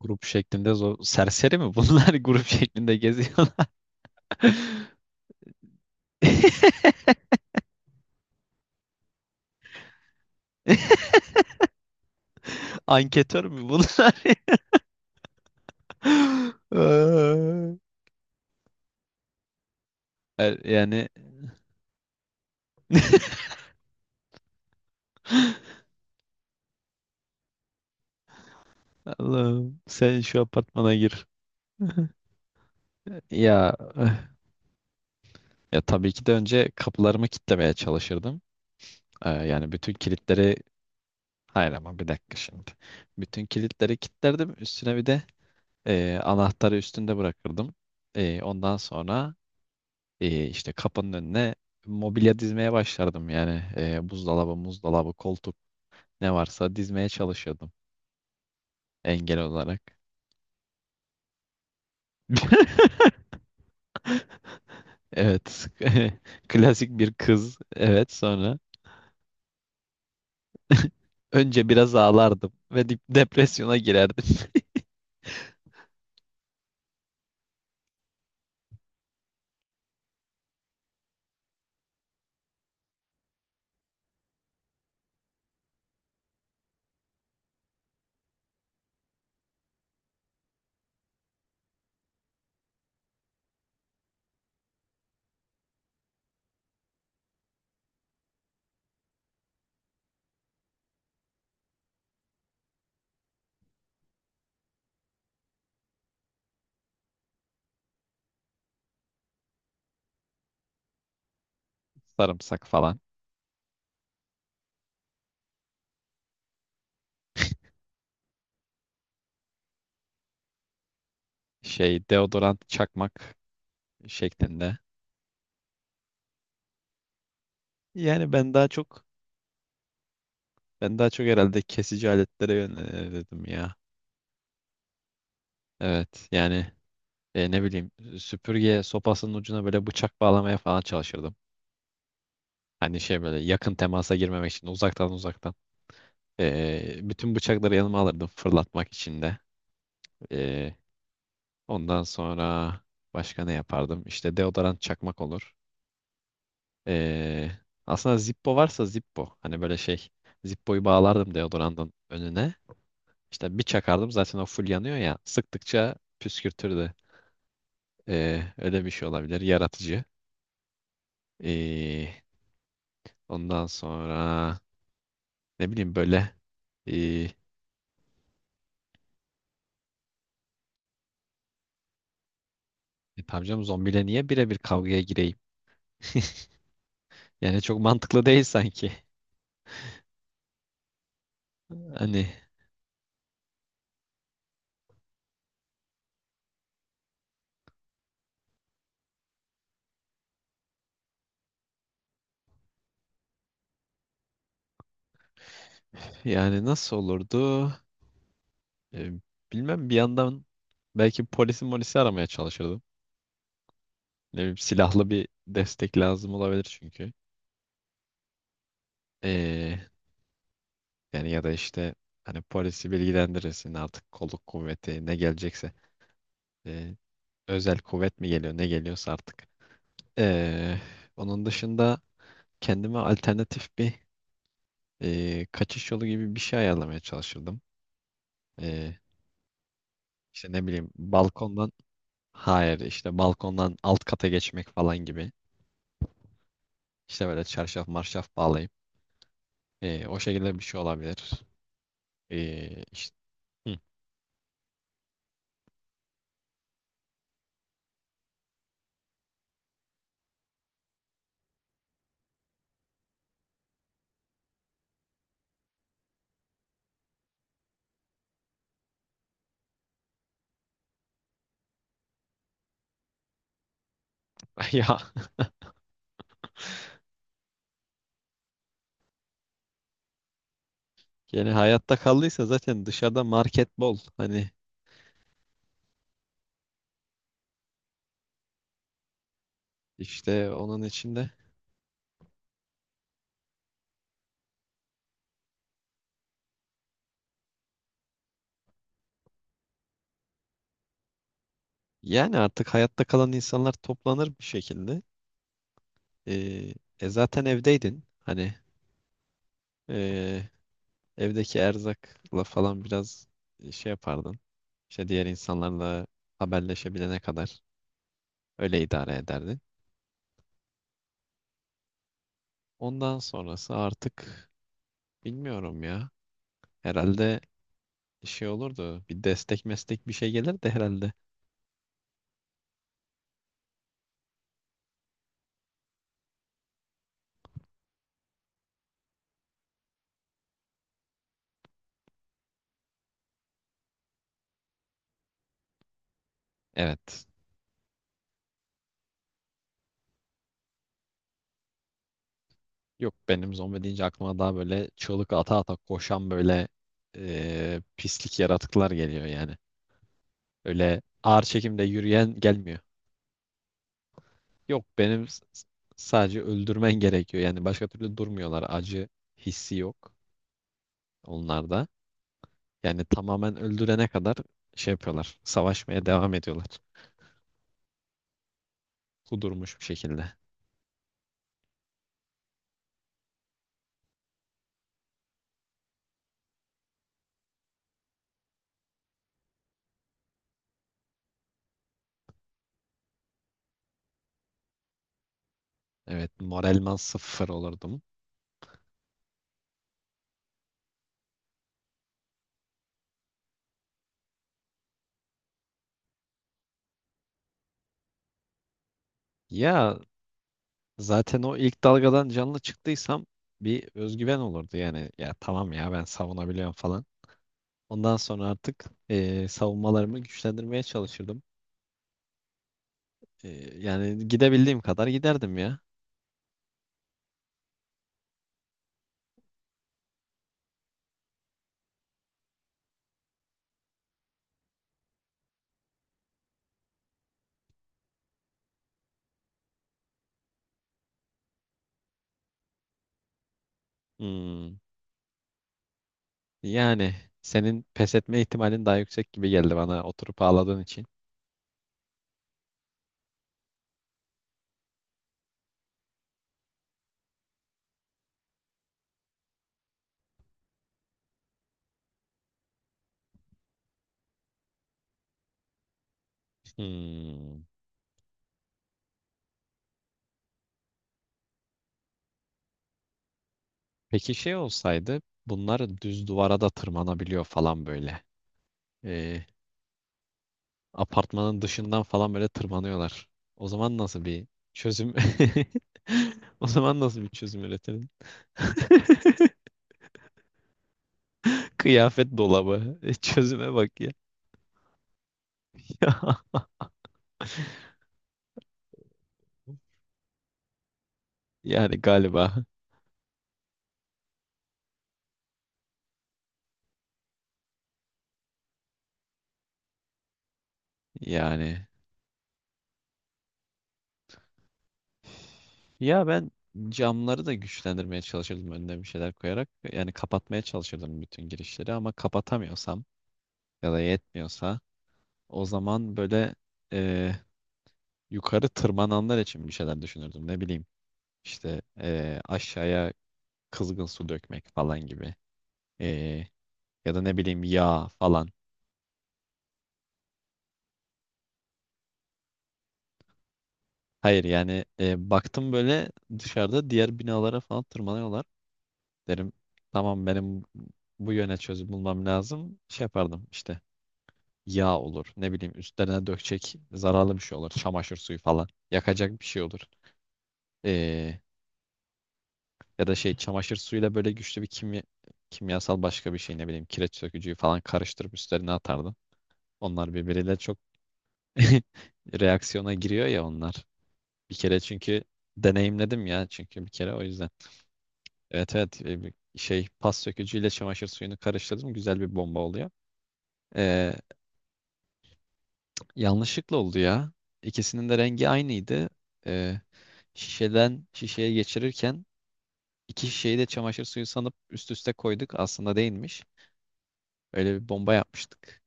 Grup şeklinde zor. Serseri mi bunlar grup şeklinde geziyorlar? Anketör mü bunlar? Ay, yani Allah'ım sen şu apartmana gir. Ya ya tabii ki de önce kapılarımı kilitlemeye çalışırdım. Yani bütün kilitleri, hayır ama bir dakika şimdi. Bütün kilitleri kilitlerdim. Üstüne bir de anahtarı üstünde bırakırdım. Ondan sonra işte kapının önüne mobilya dizmeye başlardım yani. E, buzdolabı, muzdolabı, koltuk, ne varsa dizmeye çalışıyordum, engel olarak. Evet. Klasik bir kız. Evet, sonra. Önce biraz ağlardım ve depresyona girerdim. Sarımsak falan. Şey, deodorant çakmak şeklinde. Yani ben daha çok, ben daha çok herhalde kesici aletlere yönelirdim ya. Evet yani, ne bileyim, süpürge sopasının ucuna böyle bıçak bağlamaya falan çalışırdım. Hani şey, böyle yakın temasa girmemek için, uzaktan uzaktan. E, bütün bıçakları yanıma alırdım fırlatmak için de. E, Ondan sonra başka ne yapardım? İşte deodorant çakmak olur. E, aslında Zippo varsa Zippo. Hani böyle şey, Zippo'yu bağlardım deodorantın önüne. İşte bir çakardım, zaten o full yanıyor ya. Sıktıkça püskürtürdü. E, öyle bir şey olabilir. Yaratıcı. E, Ondan sonra Ne bileyim böyle e, e tamam canım, zombiyle niye birebir kavgaya gireyim? Yani çok mantıklı değil sanki. Hani yani nasıl olurdu? E, Bilmem, bir yandan belki polisi molisi aramaya çalışırdım. Ne bileyim, silahlı bir destek lazım olabilir çünkü. E, yani ya da işte, hani polisi bilgilendirirsin artık, kolluk kuvveti ne gelecekse. E, Özel kuvvet mi geliyor, ne geliyorsa artık. E, Onun dışında kendime alternatif bir kaçış yolu gibi bir şey ayarlamaya çalışırdım. E, işte ne bileyim, balkondan, hayır işte balkondan alt kata geçmek falan gibi. İşte böyle çarşaf marşaf bağlayıp o şekilde bir şey olabilir. E, işte, hı. Ya yani hayatta kaldıysa zaten dışarıda market bol. Hani işte onun içinde. Yani artık hayatta kalan insanlar toplanır bir şekilde. E, zaten evdeydin. Hani, e, evdeki erzakla falan biraz şey yapardın. İşte diğer insanlarla haberleşebilene kadar öyle idare ederdin. Ondan sonrası artık bilmiyorum ya. Herhalde şey olurdu. Bir destek meslek bir şey gelir de herhalde. Evet. Yok, benim zombi deyince aklıma daha böyle çığlık ata ata koşan böyle pislik yaratıklar geliyor yani. Öyle ağır çekimde yürüyen gelmiyor. Yok, benim sadece öldürmen gerekiyor. Yani başka türlü durmuyorlar. Acı hissi yok onlarda. Yani tamamen öldürene kadar şey yapıyorlar. Savaşmaya devam ediyorlar. Kudurmuş bir şekilde. Evet, moralman sıfır olurdum. Ya zaten o ilk dalgadan canlı çıktıysam bir özgüven olurdu. Yani ya tamam ya, ben savunabiliyorum falan. Ondan sonra artık savunmalarımı güçlendirmeye çalışırdım. Yani gidebildiğim kadar giderdim ya. Hmm. Yani senin pes etme ihtimalin daha yüksek gibi geldi bana, oturup ağladığın için. Hmm. Peki şey olsaydı, bunlar düz duvara da tırmanabiliyor falan böyle. Ee, Apartmanın dışından falan böyle tırmanıyorlar. O zaman nasıl bir çözüm? O zaman nasıl bir çözüm üretelim? Kıyafet dolabı. E, çözüme bak ya. Yani galiba. Yani. Ya ben camları da güçlendirmeye çalışırdım, önüne bir şeyler koyarak. Yani kapatmaya çalışırdım bütün girişleri, ama kapatamıyorsam ya da yetmiyorsa o zaman böyle e, yukarı tırmananlar için bir şeyler düşünürdüm. Ne bileyim işte, aşağıya kızgın su dökmek falan gibi. E, ya da ne bileyim, yağ falan. Hayır yani, baktım böyle dışarıda diğer binalara falan tırmanıyorlar. Derim tamam, benim bu yöne çözüm bulmam lazım. Şey yapardım işte, yağ olur. Ne bileyim, üstlerine dökecek zararlı bir şey olur. Çamaşır suyu falan. Yakacak bir şey olur. Ee, Ya da şey, çamaşır suyuyla böyle güçlü bir kimya, kimyasal başka bir şey, ne bileyim kireç sökücüyü falan karıştırıp üstlerine atardı. Onlar birbiriyle çok reaksiyona giriyor ya onlar. Bir kere çünkü deneyimledim ya, çünkü bir kere o yüzden. Evet evet, bir şey, pas sökücüyle çamaşır suyunu karıştırdım, güzel bir bomba oluyor. Ee, Yanlışlıkla oldu ya. İkisinin de rengi aynıydı. Ee, Şişeden şişeye geçirirken iki şişeyi de çamaşır suyu sanıp üst üste koyduk. Aslında değilmiş. Öyle bir bomba yapmıştık.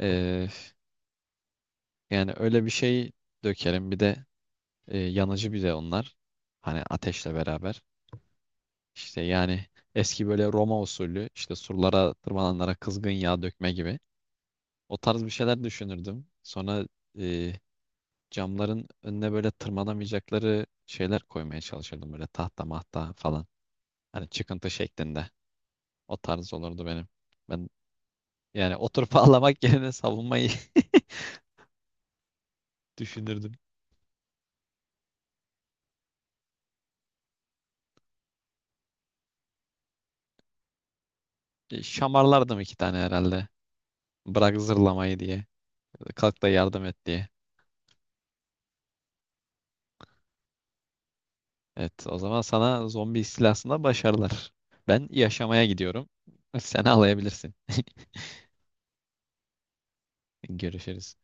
Ee, Yani öyle bir şey dökerim. Bir de yanıcı bir de onlar. Hani ateşle beraber. İşte yani eski böyle Roma usulü, işte surlara tırmananlara kızgın yağ dökme gibi. O tarz bir şeyler düşünürdüm. Sonra e, camların önüne böyle tırmanamayacakları şeyler koymaya çalışırdım, böyle tahta mahta falan. Hani çıkıntı şeklinde. O tarz olurdu benim. Ben, yani oturup ağlamak yerine savunmayı düşünürdüm. E, şamarlardım iki tane herhalde. Bırak zırlamayı diye. Kalk da yardım et diye. Evet, o zaman sana zombi istilasında başarılar. Ben yaşamaya gidiyorum. Sen ağlayabilirsin. Görüşürüz.